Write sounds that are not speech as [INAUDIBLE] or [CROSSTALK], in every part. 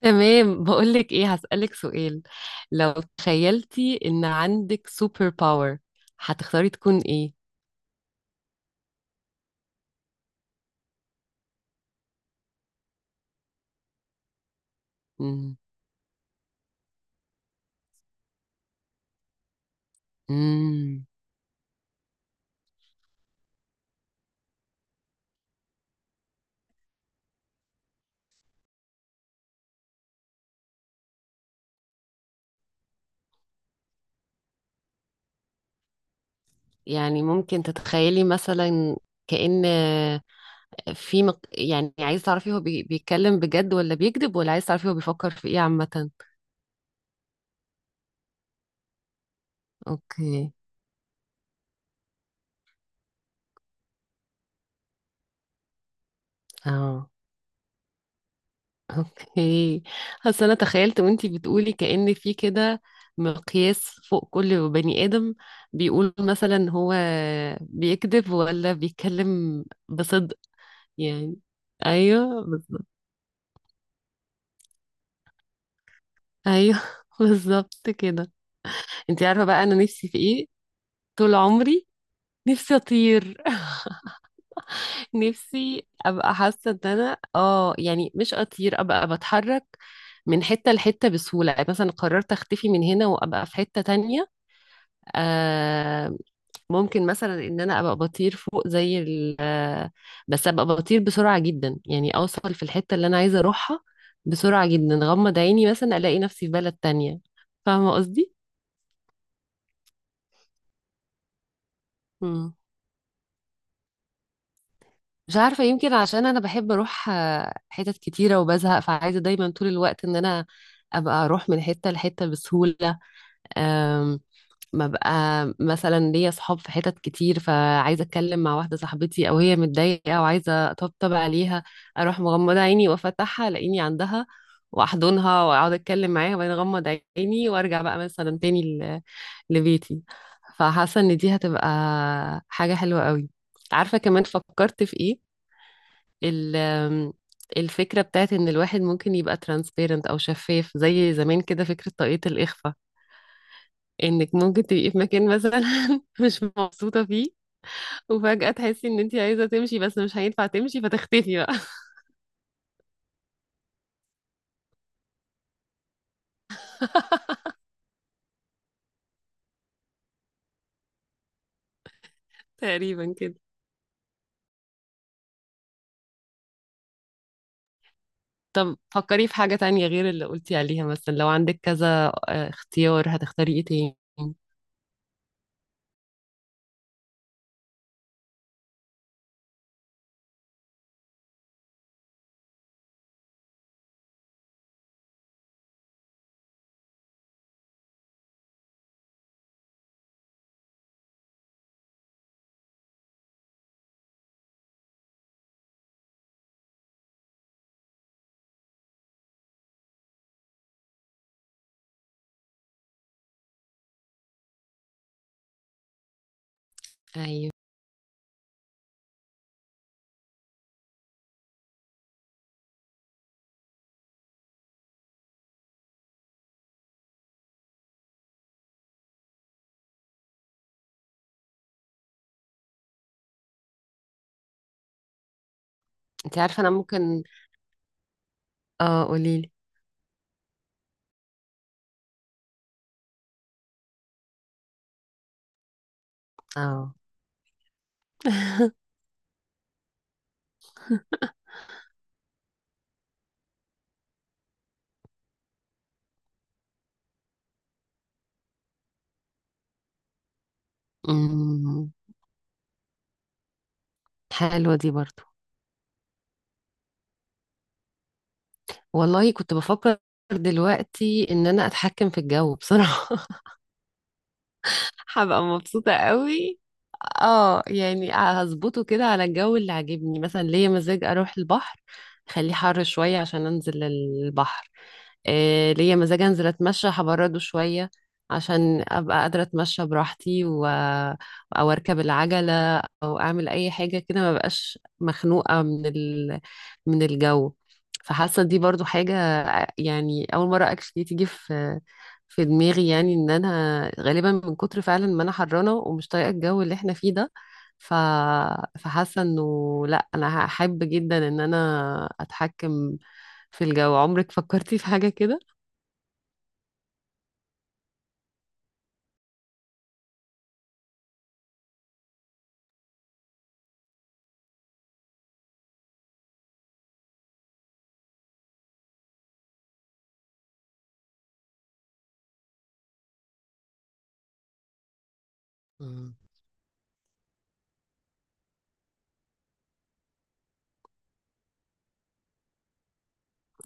تمام، بقولك ايه. هسألك سؤال. لو تخيلتي ان عندك سوبر باور هتختاري تكون ايه؟ مم. مم. يعني ممكن تتخيلي مثلا كأن في يعني عايز تعرفي هو بيتكلم بجد ولا بيكذب، ولا عايز تعرفي هو بيفكر في ايه عامة. اوكي. اه. اوكي. اصل انا تخيلت وانتي بتقولي كأن في كده مقياس فوق كل بني آدم، بيقول مثلا هو بيكذب ولا بيتكلم بصدق يعني. ايوه بالظبط. ايوه [LAUGHS] بالظبط كده. انتي عارفة بقى انا نفسي في ايه؟ طول عمري نفسي اطير. [LAUGHS] نفسي ابقى حاسة ان انا يعني مش اطير، ابقى بتحرك من حتة لحتة بسهولة، يعني مثلا قررت اختفي من هنا وابقى في حتة تانية. آه. ممكن مثلا ان انا ابقى بطير فوق زي ال آه، بس ابقى بطير بسرعة جدا، يعني اوصل في الحتة اللي انا عايزة اروحها بسرعة جدا، غمض عيني مثلا الاقي نفسي في بلد تانية. فاهمة قصدي؟ مم. مش عارفة، يمكن عشان أنا بحب أروح حتت كتيرة وبزهق، فعايزة دايما طول الوقت إن أنا أبقى أروح من حتة لحتة بسهولة. ببقى مثلا ليا صحاب في حتت كتير، فعايزه اتكلم مع واحده صاحبتي او هي متضايقه وعايزه اطبطب عليها، اروح مغمضه عيني وافتحها الاقيني عندها، واحضنها واقعد اتكلم معاها، وبعدين اغمض عيني وارجع بقى مثلا تاني لبيتي. فحاسه ان دي هتبقى حاجه حلوه قوي. عارفه كمان فكرت في ايه؟ ال- الفكره بتاعت ان الواحد ممكن يبقى ترانسبيرنت او شفاف، زي زمان كده فكره طاقية الاخفاء، انك ممكن تبقي في مكان مثلا [LAUGHS] مش مبسوطة فيه، وفجأة تحسي ان انت عايزة تمشي بس مش هينفع تمشي فتختفي بقى. [LAUGHS] تقريبا كده. طب فكري في حاجة تانية غير اللي قلتي عليها، مثلا لو عندك كذا اختيار، هتختاري ايه تاني؟ ايوه. انت عارفة انا ممكن. اه قوليلي. اه. [LAUGHS] أمم، حلوة دي برضو. والله كنت بفكر دلوقتي ان انا اتحكم في الجو بصراحة. [LAUGHS] هبقى مبسوطة قوي. اه يعني هظبطه كده على الجو اللي عاجبني، مثلا ليا مزاج اروح البحر، خليه حر شوية عشان انزل البحر. إيه ليا مزاج انزل اتمشى، هبرده شوية عشان ابقى قادرة اتمشى براحتي او اركب العجلة او اعمل اي حاجة كده، ما بقاش مخنوقة من من الجو. فحاسة دي برضو حاجة، يعني اول مرة اكشلي تيجي في دماغي، يعني ان انا غالبا من كتر فعلا ما انا حرانه ومش طايقه الجو اللي احنا فيه ده، ف... فحاسه انه لا انا هحب جدا ان انا اتحكم في الجو. عمرك فكرتي في حاجه كده؟ مم.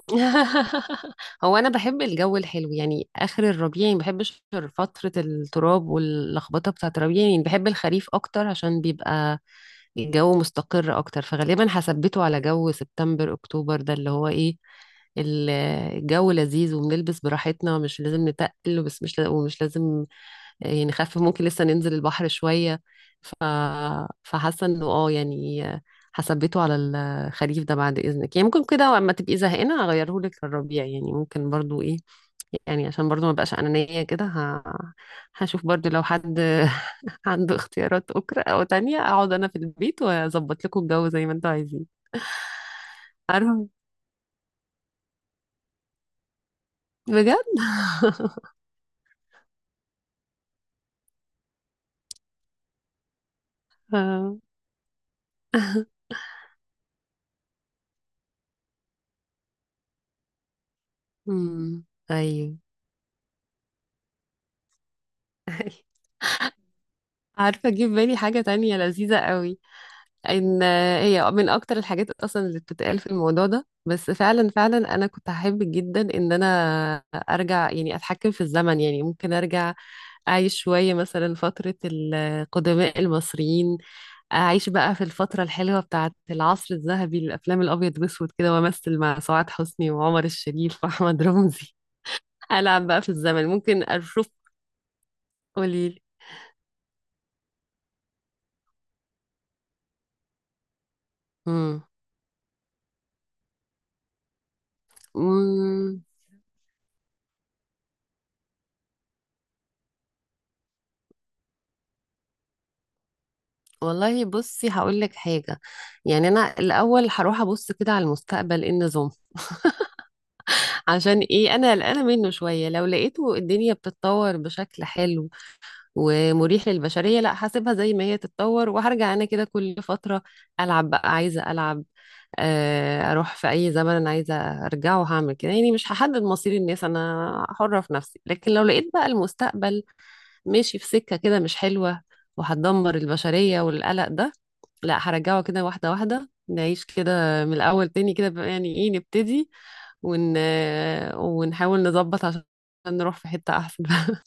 [LAUGHS] هو انا بحب الجو الحلو، يعني اخر الربيع، يعني ما بحبش فترة التراب واللخبطة بتاعة الربيع، يعني بحب الخريف اكتر عشان بيبقى الجو مستقر اكتر، فغالبا هثبته على جو سبتمبر اكتوبر، ده اللي هو ايه، ال- الجو لذيذ وبنلبس براحتنا مش لازم نتقل، بس مش لا- ومش لازم يعني، خف، ممكن لسه ننزل البحر شوية، ف... فحاسة انه يعني هثبته على الخريف ده بعد اذنك، يعني ممكن كده اما تبقي زهقانة اغيره لك للربيع، يعني ممكن برضو ايه، يعني عشان برضو ما بقاش انانية كده هشوف برضو لو حد [LAUGHS] عنده اختيارات اخرى او تانية، اقعد انا في البيت واظبط لكم الجو زي ما انتوا عايزين. [LAUGHS] عارفة؟ بجد. آه. أمم، ايوه. [LAUGHS] عارفة جه في بالي حاجة تانية لذيذة قوي، ان هي من اكتر الحاجات اصلا اللي بتتقال في الموضوع ده، بس فعلا فعلا انا كنت هحب جدا ان انا ارجع، يعني اتحكم في الزمن، يعني ممكن ارجع اعيش شوية مثلا فترة القدماء المصريين، اعيش بقى في الفترة الحلوة بتاعة العصر الذهبي للافلام الابيض واسود كده، وامثل مع سعاد حسني وعمر الشريف واحمد رمزي. [LAUGHS] العب بقى في الزمن، ممكن اشوف. قوليلي. امم والله بصي هقول لك حاجه، يعني انا الاول هروح ابص كده على المستقبل ايه النظام، عشان ايه انا قلقانه منه شويه. لو لقيته الدنيا بتتطور بشكل حلو ومريح للبشريه لا هسيبها زي ما هي تتطور، وهرجع انا كده كل فتره العب بقى، عايزه العب اروح في اي زمن انا عايزه ارجعه، هعمل كده يعني، مش هحدد مصير الناس، انا حره في نفسي. لكن لو لقيت بقى المستقبل ماشي في سكة كده مش حلوة وهتدمر البشرية والقلق ده، لا هرجعه كده واحدة واحدة نعيش كده من الأول تاني كده بقى، يعني ايه نبتدي ون... ونحاول نظبط عشان نروح في حتة أحسن. [LAUGHS]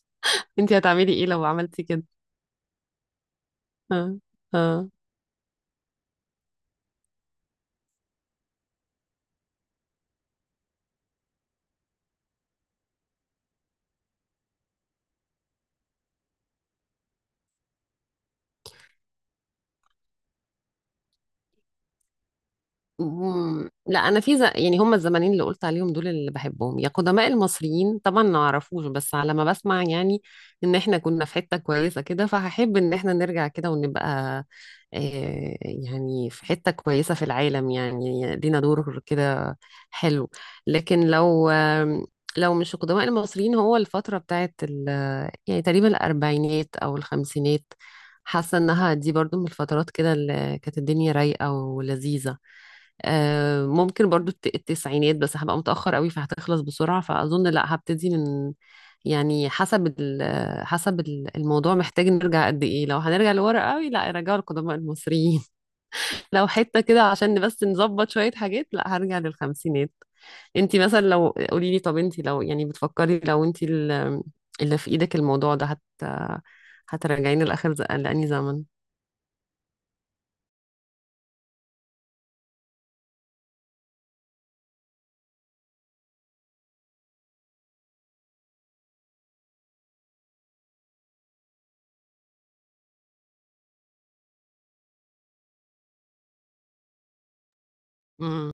انتي هتعملي ايه لو عملتي كده؟ اه. اه. مم. لا انا في يعني هم الزمانين اللي قلت عليهم دول اللي بحبهم، يا قدماء المصريين طبعا ما اعرفوش بس على ما بسمع، يعني ان احنا كنا في حتة كويسة كده، فهحب ان احنا نرجع كده ونبقى يعني في حتة كويسة في العالم، يعني لينا دور كده حلو. لكن لو لو مش القدماء المصريين هو الفترة بتاعت يعني تقريبا الأربعينات أو الخمسينات. حاسة إنها دي برضو من الفترات كده اللي كانت الدنيا رايقة ولذيذة. ممكن برضو التسعينات، بس هبقى متأخر قوي فهتخلص بسرعة، فأظن لا هبتدي من، يعني حسب الموضوع، محتاج نرجع قد إيه. لو هنرجع لورا قوي لا رجعوا القدماء المصريين، لو حتة كده عشان بس نظبط شوية حاجات لا هرجع للخمسينات. انتي مثلا لو قولي لي، طب انتي لو يعني بتفكري، لو انتي اللي في ايدك الموضوع ده هترجعيني لآخر لأني زمن. امم.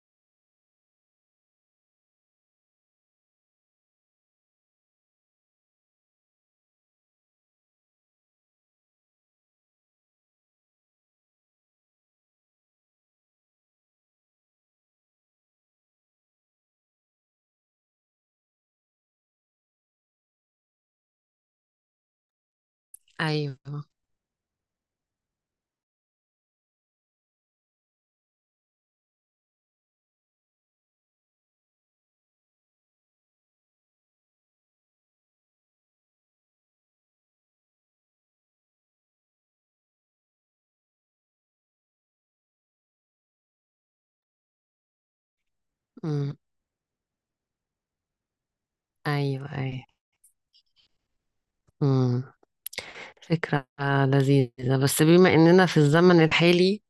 ايوه. امم. ايوه. ايوه. امم فكرة لذيذة، بس بما اننا في الزمن الحالي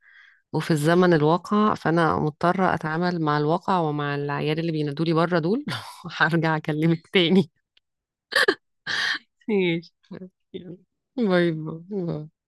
وفي الزمن الواقع فانا مضطرة اتعامل مع الواقع ومع العيال اللي بينادولي بره دول. [LAUGHS] هرجع اكلمك تاني. ماشي. يلا. باي باي باي.